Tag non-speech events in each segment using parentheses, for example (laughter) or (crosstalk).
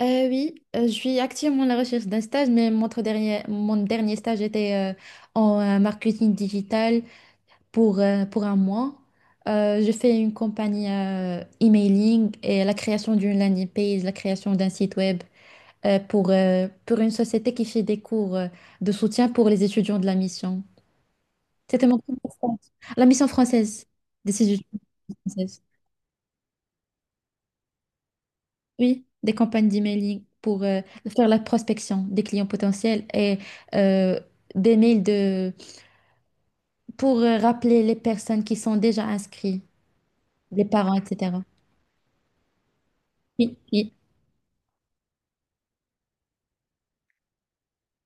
Oui, je suis activement à la recherche d'un stage, mais mon dernier stage était en marketing digital pour un mois. Je fais une compagnie emailing et la création d'une landing page, la création d'un site web pour une société qui fait des cours de soutien pour les étudiants de la mission. C'était mon premier stage. La mission française, des étudiants françaises. Oui, des campagnes d'emailing pour faire la prospection des clients potentiels et euh, des mails pour rappeler les personnes qui sont déjà inscrites, les parents, etc. Oui, oui.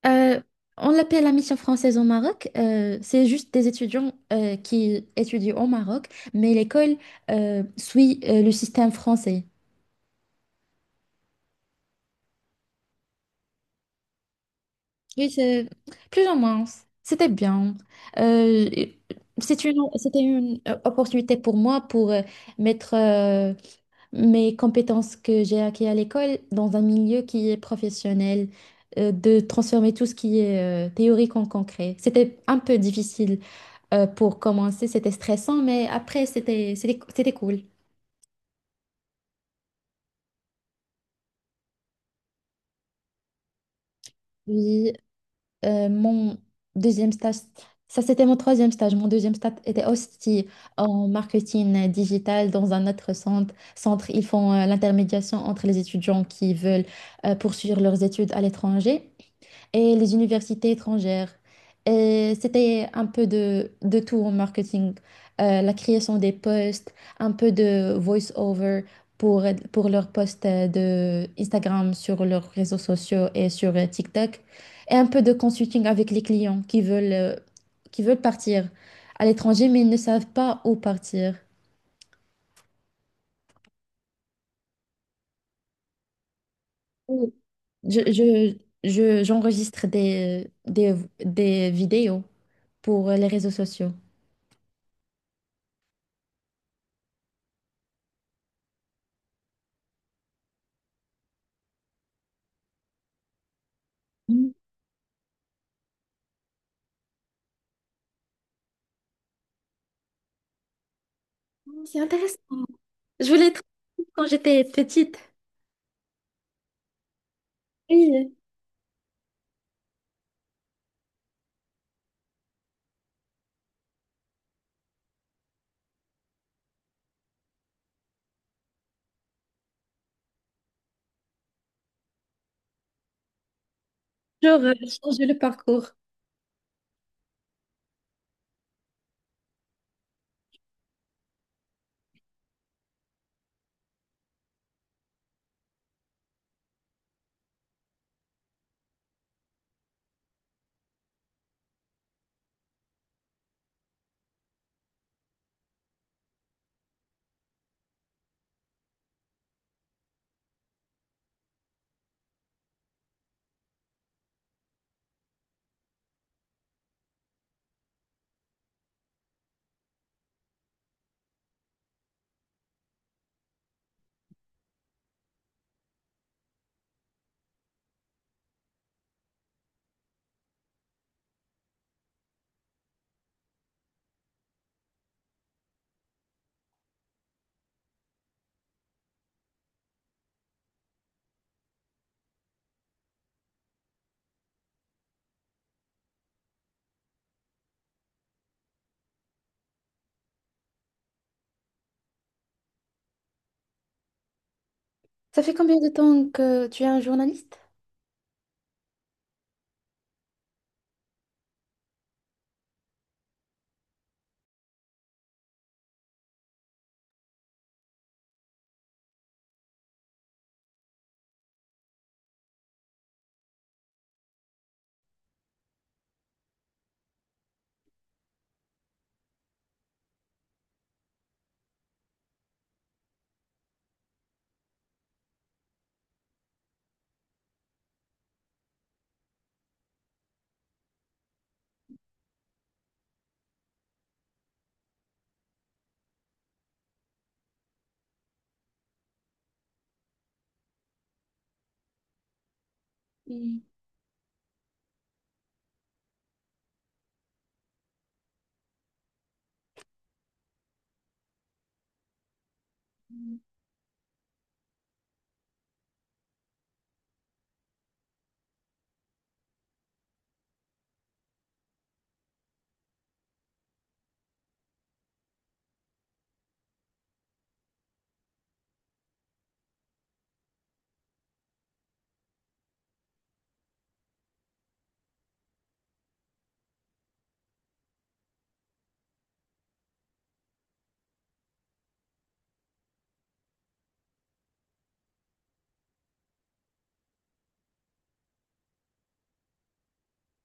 Euh, on l'appelle la mission française au Maroc. C'est juste des étudiants qui étudient au Maroc, mais l'école suit le système français. Oui, c'est plus ou moins. C'était bien. Euh, C'était une opportunité pour moi pour mettre mes compétences que j'ai acquises à l'école dans un milieu qui est professionnel, de transformer tout ce qui est théorique en concret. C'était un peu difficile pour commencer, c'était stressant, mais après, c'était cool. Oui, Euh, mon deuxième stage, ça c'était mon troisième stage. Mon deuxième stage était aussi en marketing digital dans un autre centre. Ils font l'intermédiation entre les étudiants qui veulent poursuivre leurs études à l'étranger et les universités étrangères. Et c'était un peu de tout en marketing, la création des posts, un peu de voice-over pour, pour leurs posts de Instagram sur leurs réseaux sociaux et sur TikTok, et un peu de consulting avec les clients qui veulent partir à l'étranger, mais ils ne savent pas où partir. Oui. Je, je, J'enregistre des vidéos pour les réseaux sociaux. C'est intéressant. Je voulais être quand j'étais petite. Oui. Genre, changer le parcours. Ça fait combien de temps que tu es un journaliste? Hmm.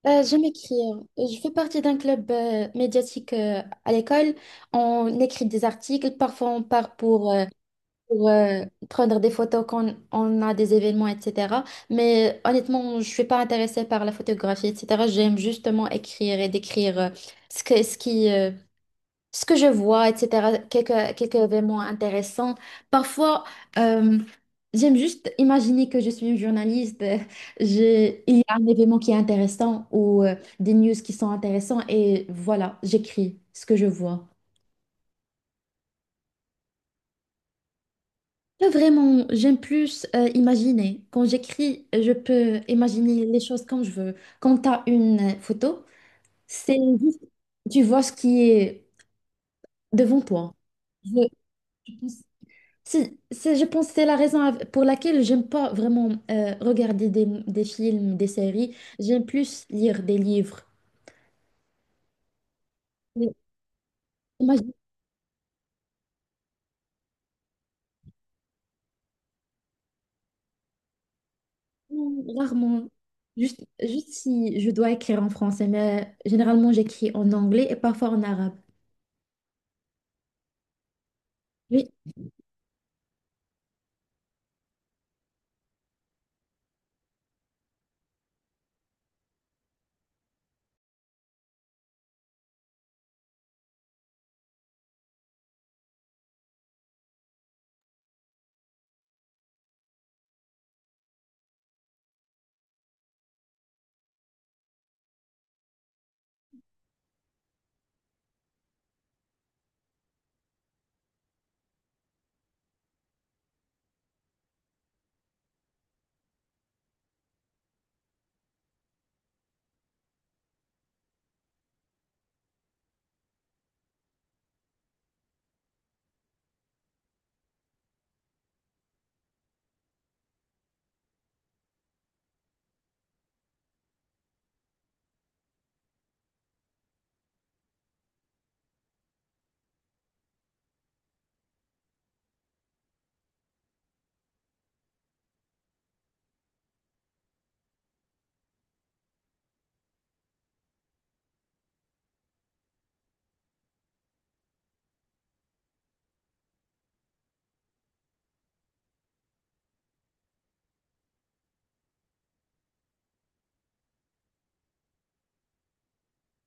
J'aime écrire. Je fais partie d'un club médiatique à l'école. On écrit des articles. Parfois, on part pour, prendre des photos quand on a des événements, etc. Mais honnêtement, je suis pas intéressée par la photographie, etc. J'aime justement écrire et décrire ce que- ce qui, euh, ce que je vois, etc., quelques événements intéressants. Parfois, euh, j'aime juste imaginer que je suis une journaliste. (laughs) Il y a un événement qui est intéressant ou des news qui sont intéressants et voilà, j'écris ce que je vois. Pas vraiment, j'aime plus imaginer. Quand j'écris, je peux imaginer les choses comme je veux. Quand tu as une photo, c'est juste, tu vois ce qui est devant toi. Je, je pense que c'est la raison pour laquelle j'aime pas vraiment regarder des films, des séries. J'aime plus lire des livres. Mais Imagine, Rarement. Juste si je dois écrire en français, mais généralement j'écris en anglais et parfois en arabe. Oui,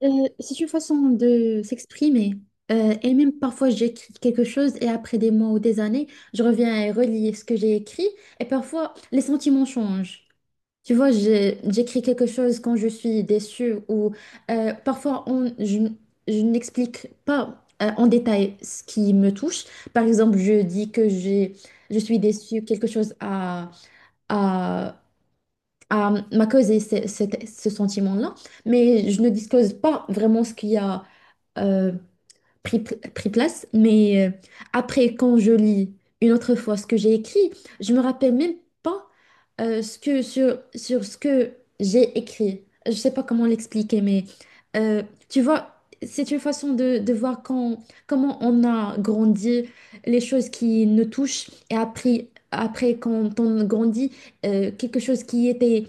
euh, c'est une façon de s'exprimer. Et même parfois j'écris quelque chose et après des mois ou des années, je reviens et relis ce que j'ai écrit. Et parfois les sentiments changent. Tu vois, j'écris quelque chose quand je suis déçue ou parfois je n'explique pas en détail ce qui me touche. Par exemple, je dis que je suis déçue, quelque chose à, à m'a causé ce sentiment-là, mais je ne disclose pas vraiment ce qu'il y a. euh, Pris place, mais après, quand je lis une autre fois ce que j'ai écrit, je me rappelle même pas sur ce que j'ai écrit. Je sais pas comment l'expliquer, mais euh, tu vois, c'est une façon de voir comment on a grandi, les choses qui nous touchent, et après quand on grandit, quelque chose qui était,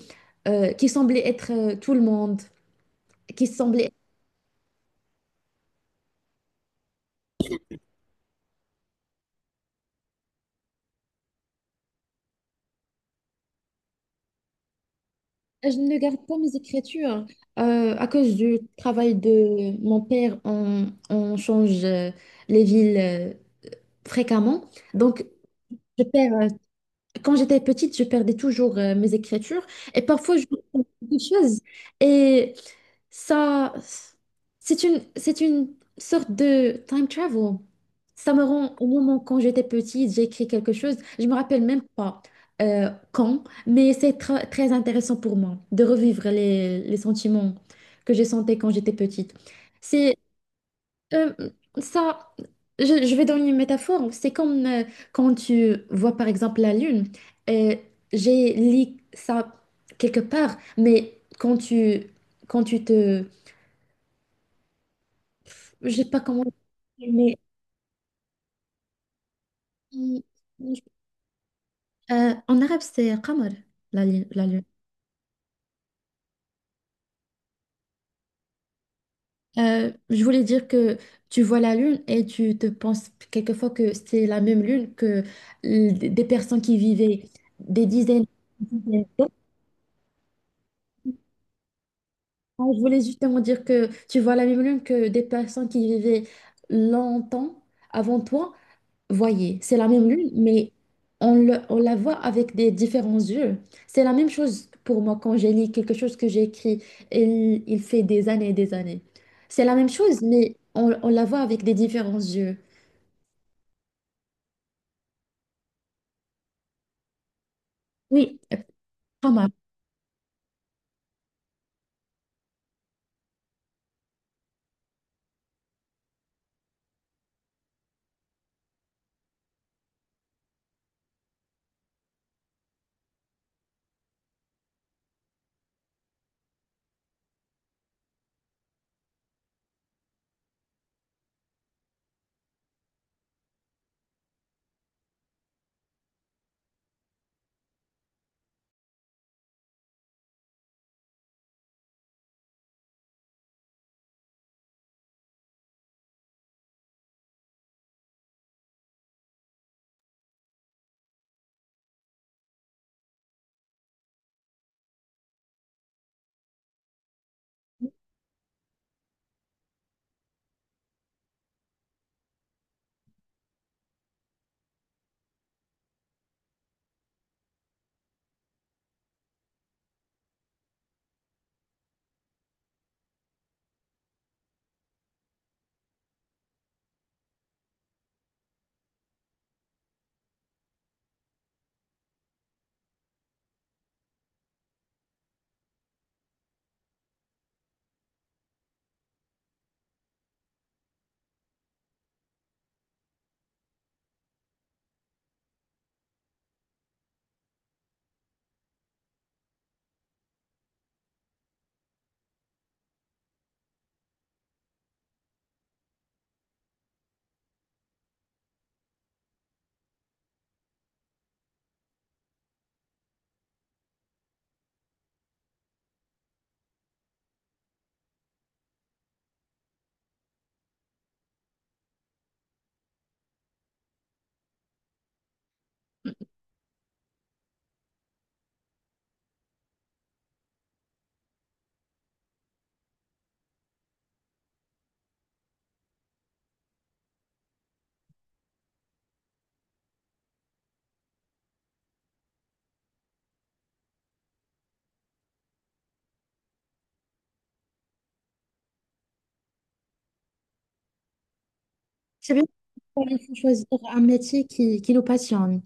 euh, qui semblait être tout le monde, qui semblait. Je ne garde pas mes écritures. À cause du travail de mon père, on change les villes fréquemment. Donc, je perds, euh, quand j'étais petite, je perdais toujours mes écritures. Et parfois, je trouve quelque chose. Et ça, c'est une sorte de time travel. Ça me rend au moment quand j'étais petite, j'ai écrit quelque chose. Je me rappelle même pas quand, mais c'est très intéressant pour moi de revivre les sentiments que j'ai sentais quand j'étais petite. C'est euh, ça. Je vais donner une métaphore. C'est comme quand tu vois par exemple la lune. Euh, j'ai lu ça quelque part, mais quand tu te je sais pas comment dire, mais hum, en arabe, c'est Qamar, la lune. La lune. Je voulais dire que tu vois la lune et tu te penses quelquefois que c'est la même lune que des personnes qui vivaient des dizaines, des dizaines d'années. Ah, je voulais justement dire que tu vois la même lune que des personnes qui vivaient longtemps avant toi, voyez, c'est la même lune, mais on la voit avec des différents yeux. C'est la même chose pour moi quand j'ai lu quelque chose que j'ai écrit, il fait des années et des années. C'est la même chose, mais on la voit avec des différents yeux. Oui, pas mal. C'est bien. Pourquoi il faut choisir un métier qui nous passionne.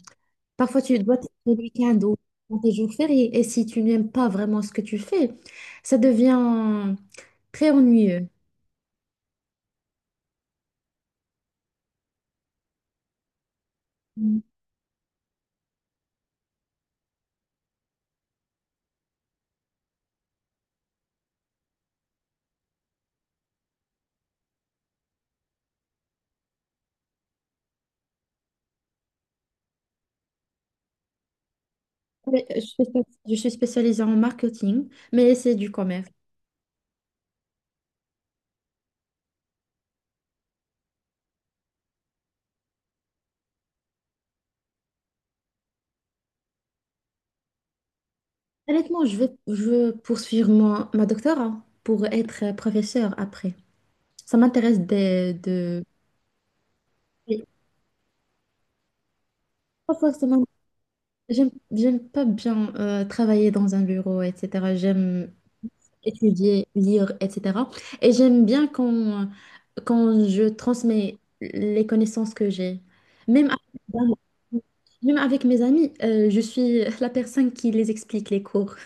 Parfois, tu dois te le week-end ou dans tes jours fériés. Et si tu n'aimes pas vraiment ce que tu fais, ça devient très ennuyeux. Oui, je suis spécialisée en marketing, mais c'est du commerce. Honnêtement, je veux poursuivre ma doctorat pour être professeur après. Ça m'intéresse et pas forcément, j'aime pas bien travailler dans un bureau, etc. J'aime étudier, lire, etc. Et j'aime bien quand je transmets les connaissances que j'ai. Même avec, Même avec mes amis, je suis la personne qui les explique les cours.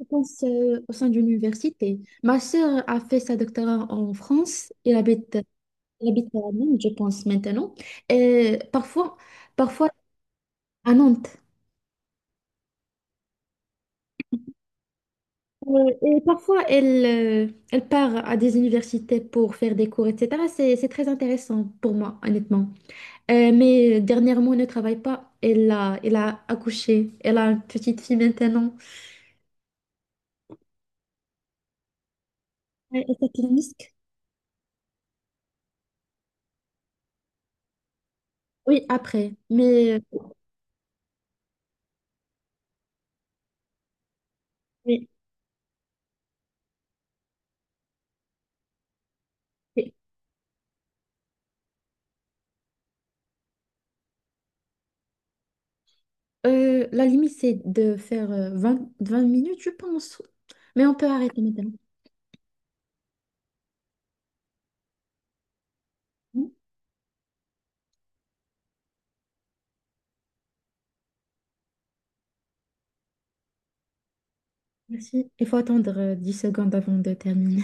Je pense au sein d'une université. Ma sœur a fait sa doctorat en France. Elle habite à Nantes, je pense, maintenant. Et parfois à Nantes. Et parfois, elle part à des universités pour faire des cours, etc. C'est très intéressant pour moi, honnêtement. Mais dernièrement, elle ne travaille pas. Elle a accouché. Elle a une petite fille maintenant. Elle s'appelle Misk. Oui, après. Mais, oui. Oui. La limite, c'est de faire 20 20 minutes, je pense. Mais on peut arrêter maintenant. Merci. Il faut attendre 10 secondes avant de terminer.